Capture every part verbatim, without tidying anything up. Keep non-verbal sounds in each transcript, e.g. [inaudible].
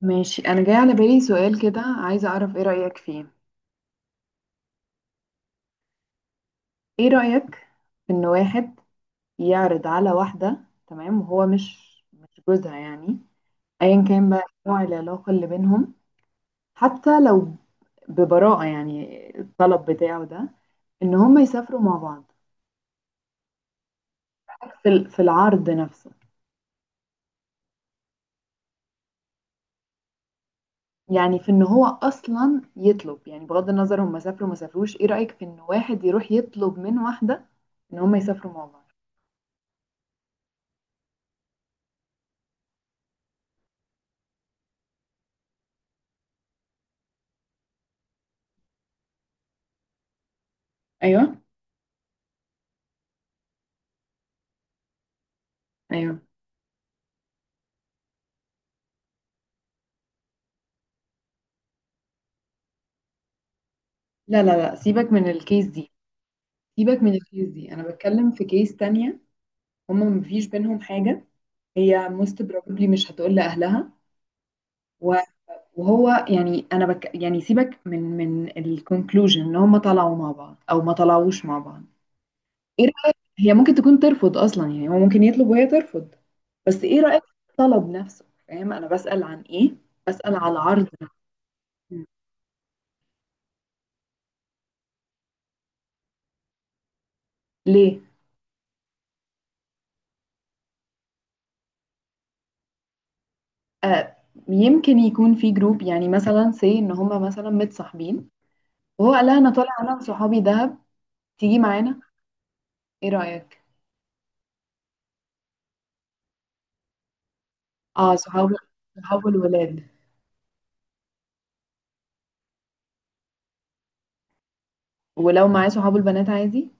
ماشي، انا جاي على بالي سؤال كده، عايزه اعرف ايه رأيك فيه. ايه رأيك في ان واحد يعرض على واحدة، تمام، وهو مش مش جوزها، يعني ايا كان بقى نوع العلاقة اللي بينهم، حتى لو ببراءة يعني الطلب بتاعه ده، ان هم يسافروا مع بعض. في ال- في العرض نفسه، يعني في ان هو اصلا يطلب، يعني بغض النظر هم سافروا ما سافروش. ايه رأيك في ان واحد يروح يطلب من واحدة ان هم يسافروا مع بعض؟ ايوه، ايوه. لا لا لا، سيبك من الكيس دي. سيبك من الكيس دي، انا بتكلم في كيس تانية. هما مفيش بينهم حاجة. هي most probably مش هتقول لأهلها. و- وهو يعني انا بك، يعني سيبك من من الكونكلوجن ان هما طلعوا مع بعض او ما طلعوش مع بعض. ايه رأيك؟ هي ممكن تكون ترفض اصلا، يعني هو ممكن يطلب وهي ترفض، بس ايه رأيك في الطلب نفسه؟ فاهم انا بسأل عن ايه؟ بسأل على العرض نفسه. ليه؟ آه، يمكن يكون في جروب، يعني مثلا سي ان هما مثلا متصاحبين وهو قال لها انا طالع انا وصحابي دهب، تيجي معانا. ايه رأيك؟ اه، صحابه صحابه الولاد. ولو معاه صحابه البنات عادي.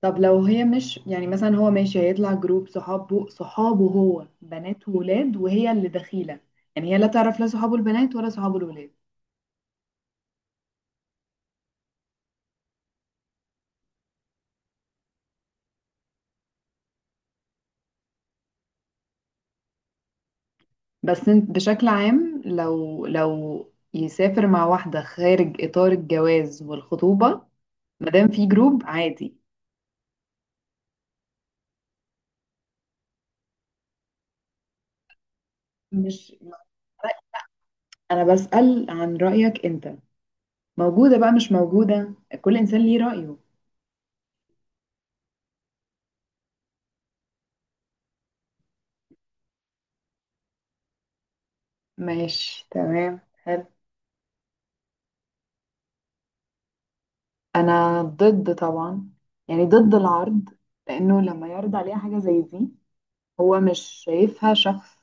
طب لو هي مش يعني مثلا، هو ماشي هيطلع جروب صحابه صحابه هو بنات وولاد وهي اللي دخيلة، يعني هي لا تعرف لا صحابه البنات ولا صحابه الولاد. بس انت بشكل عام، لو لو يسافر مع واحدة خارج إطار الجواز والخطوبة مادام في جروب عادي. مش، انا بسأل عن رأيك انت، موجودة بقى مش موجودة، كل إنسان ليه رأيه. ماشي، تمام، حلو. أنا ضد طبعا، يعني ضد العرض. لأنه لما يعرض عليها حاجة زي دي، هو مش شايفها شخص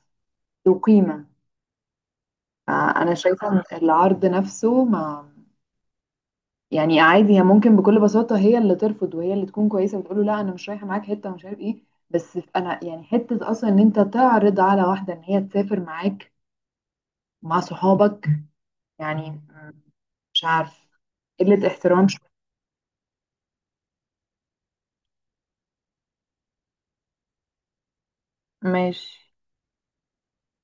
ذو قيمة. آه، أنا شايفة إن العرض نفسه ما، يعني عادي، هي ممكن بكل بساطة هي اللي ترفض، وهي اللي تكون كويسة وتقول له لا، أنا مش رايحة معاك حتة ومش عارف إيه. بس أنا يعني حتة أصلا إن أنت تعرض على واحدة إن هي تسافر معاك مع صحابك، يعني م- مش عارف، قلة احترام شوية. ماشي.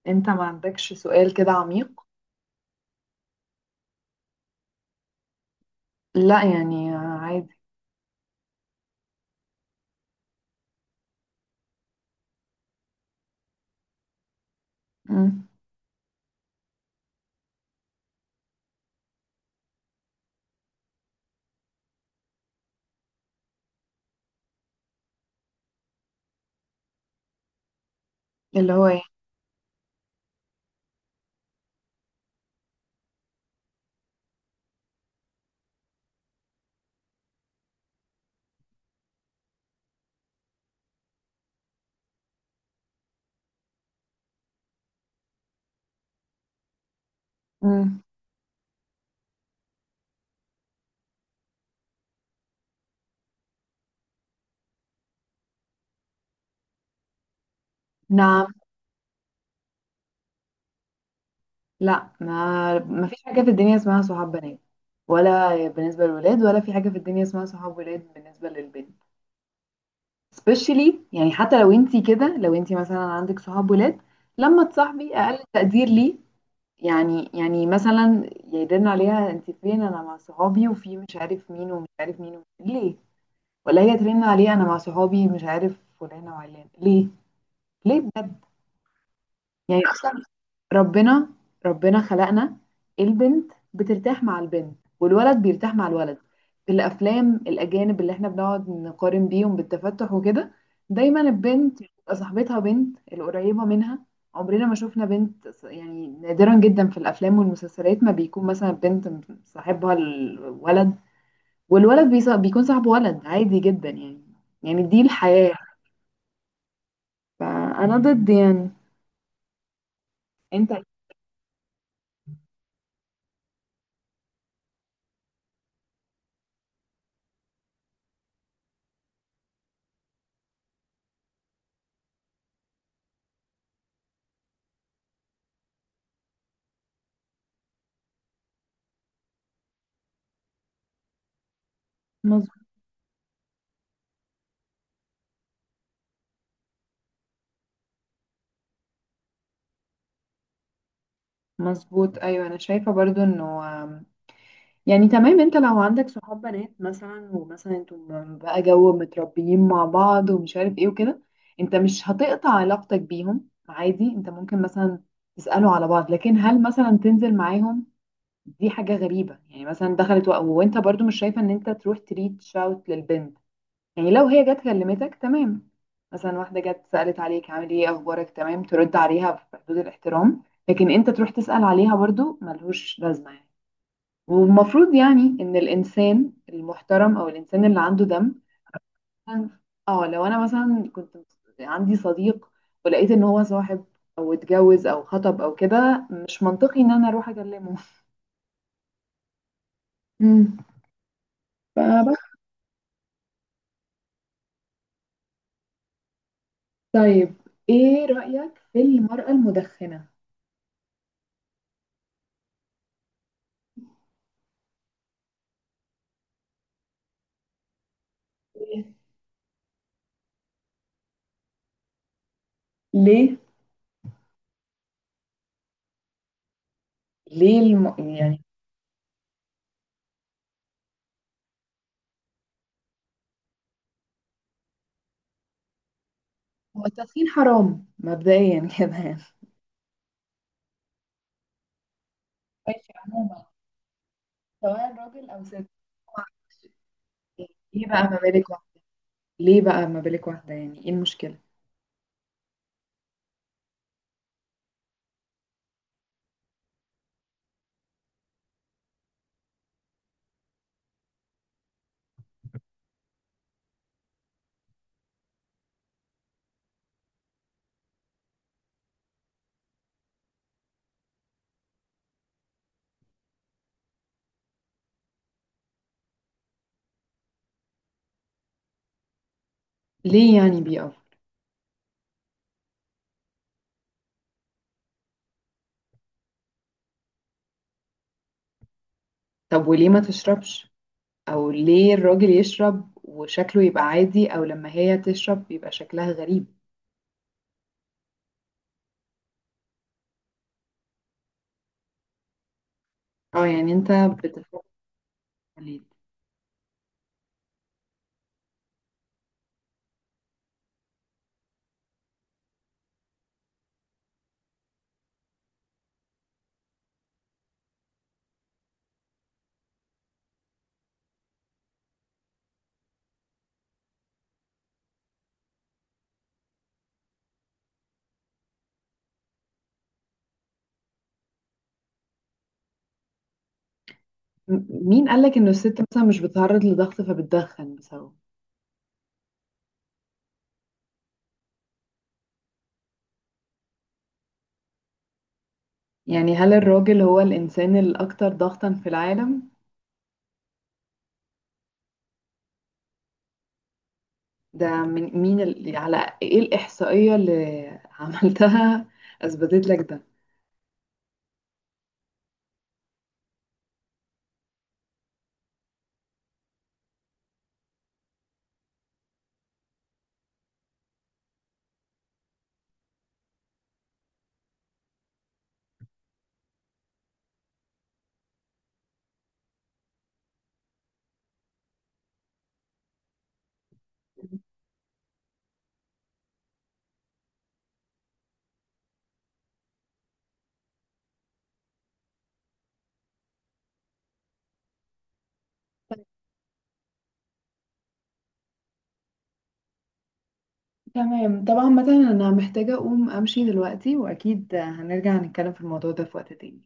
انت ما عندكش سؤال كده عميق؟ لا يعني آه، عادي. مم. اللي هو ايه؟ مم. نعم. لا، ما ما فيش حاجة في الدنيا اسمها صحاب بنات ولا بالنسبة للولاد، ولا في حاجة في الدنيا اسمها صحاب ولاد بالنسبة للبنت. especially يعني حتى لو انتي كده، لو انتي مثلا عندك صحاب ولاد، لما تصاحبي اقل تقدير، ليه؟ يعني يعني مثلا يرن عليها انت فين؟ انا مع صحابي وفي مش عارف مين ومش عارف مين ومش-، ليه؟ ولا هي ترن عليها انا مع صحابي، مش عارف فلانة وعلان، ليه؟ ليه بجد؟ يعني اصلا، ربنا ربنا خلقنا، البنت بترتاح مع البنت والولد بيرتاح مع الولد. في الافلام الاجانب اللي احنا بنقعد نقارن بيهم بالتفتح وكده، دايما البنت بتبقى صاحبتها بنت القريبه منها. عمرنا ما شفنا بنت ص-، يعني نادرا جدا في الافلام والمسلسلات ما بيكون مثلا بنت صاحبها الولد، والولد بيص- بيكون صاحبه ولد. عادي جدا يعني، يعني دي الحياه. فانا ضد يعني. انت؟ مظبوط. مظبوط، ايوه. انا شايفه برضو انه، يعني تمام، انت لو عندك صحاب بنات مثلا، ومثلا انتوا م- بقى جو متربيين مع بعض ومش عارف ايه وكده، انت مش هتقطع علاقتك بيهم عادي، انت ممكن مثلا تسألوا على بعض، لكن هل مثلا تنزل معاهم؟ دي حاجة غريبة. يعني مثلا دخلت وق-، وانت برضو مش شايفة ان انت تروح تريتش اوت للبنت. يعني لو هي جت كلمتك تمام، مثلا واحدة جت سألت عليك عامل ايه اخبارك، تمام، ترد عليها في حدود الاحترام، لكن انت تروح تسأل عليها برضو ملهوش لازمة يعني. والمفروض يعني ان الانسان المحترم، او الانسان اللي عنده دم، اه لو انا مثلا كنت عندي صديق ولقيت ان هو صاحب او اتجوز او خطب او كده، مش منطقي ان انا اروح اكلمه. [laughs] مم. فبس. طيب، ايه رأيك في المرأة المدخنة؟ ليه؟ ليه؟ ليه الم...، يعني هو التدخين حرام مبدئيا [laughs] كده يعني؟ ماشي، عموما، سواء راجل او ست. ايه بقى ما بالك؟ ليه بقى ما بالك واحدة؟ يعني ايه المشكلة؟ ليه يعني بي اوفر؟ طب وليه ما تشربش؟ او ليه الراجل يشرب وشكله يبقى عادي، او لما هي تشرب يبقى شكلها غريب؟ اه يعني انت بتفكر، ليه؟ م- مين قالك ان الست مثلا مش بتتعرض لضغط فبتدخن بسببه؟ يعني هل الراجل هو الانسان الاكثر ضغطا في العالم؟ ده من مين ال...، على ايه الاحصائية اللي [laughs] عملتها اثبتت لك ده؟ تمام، طبعا مثلا انا محتاجة اقوم امشي دلوقتي، واكيد هنرجع نتكلم في الموضوع ده في وقت تاني.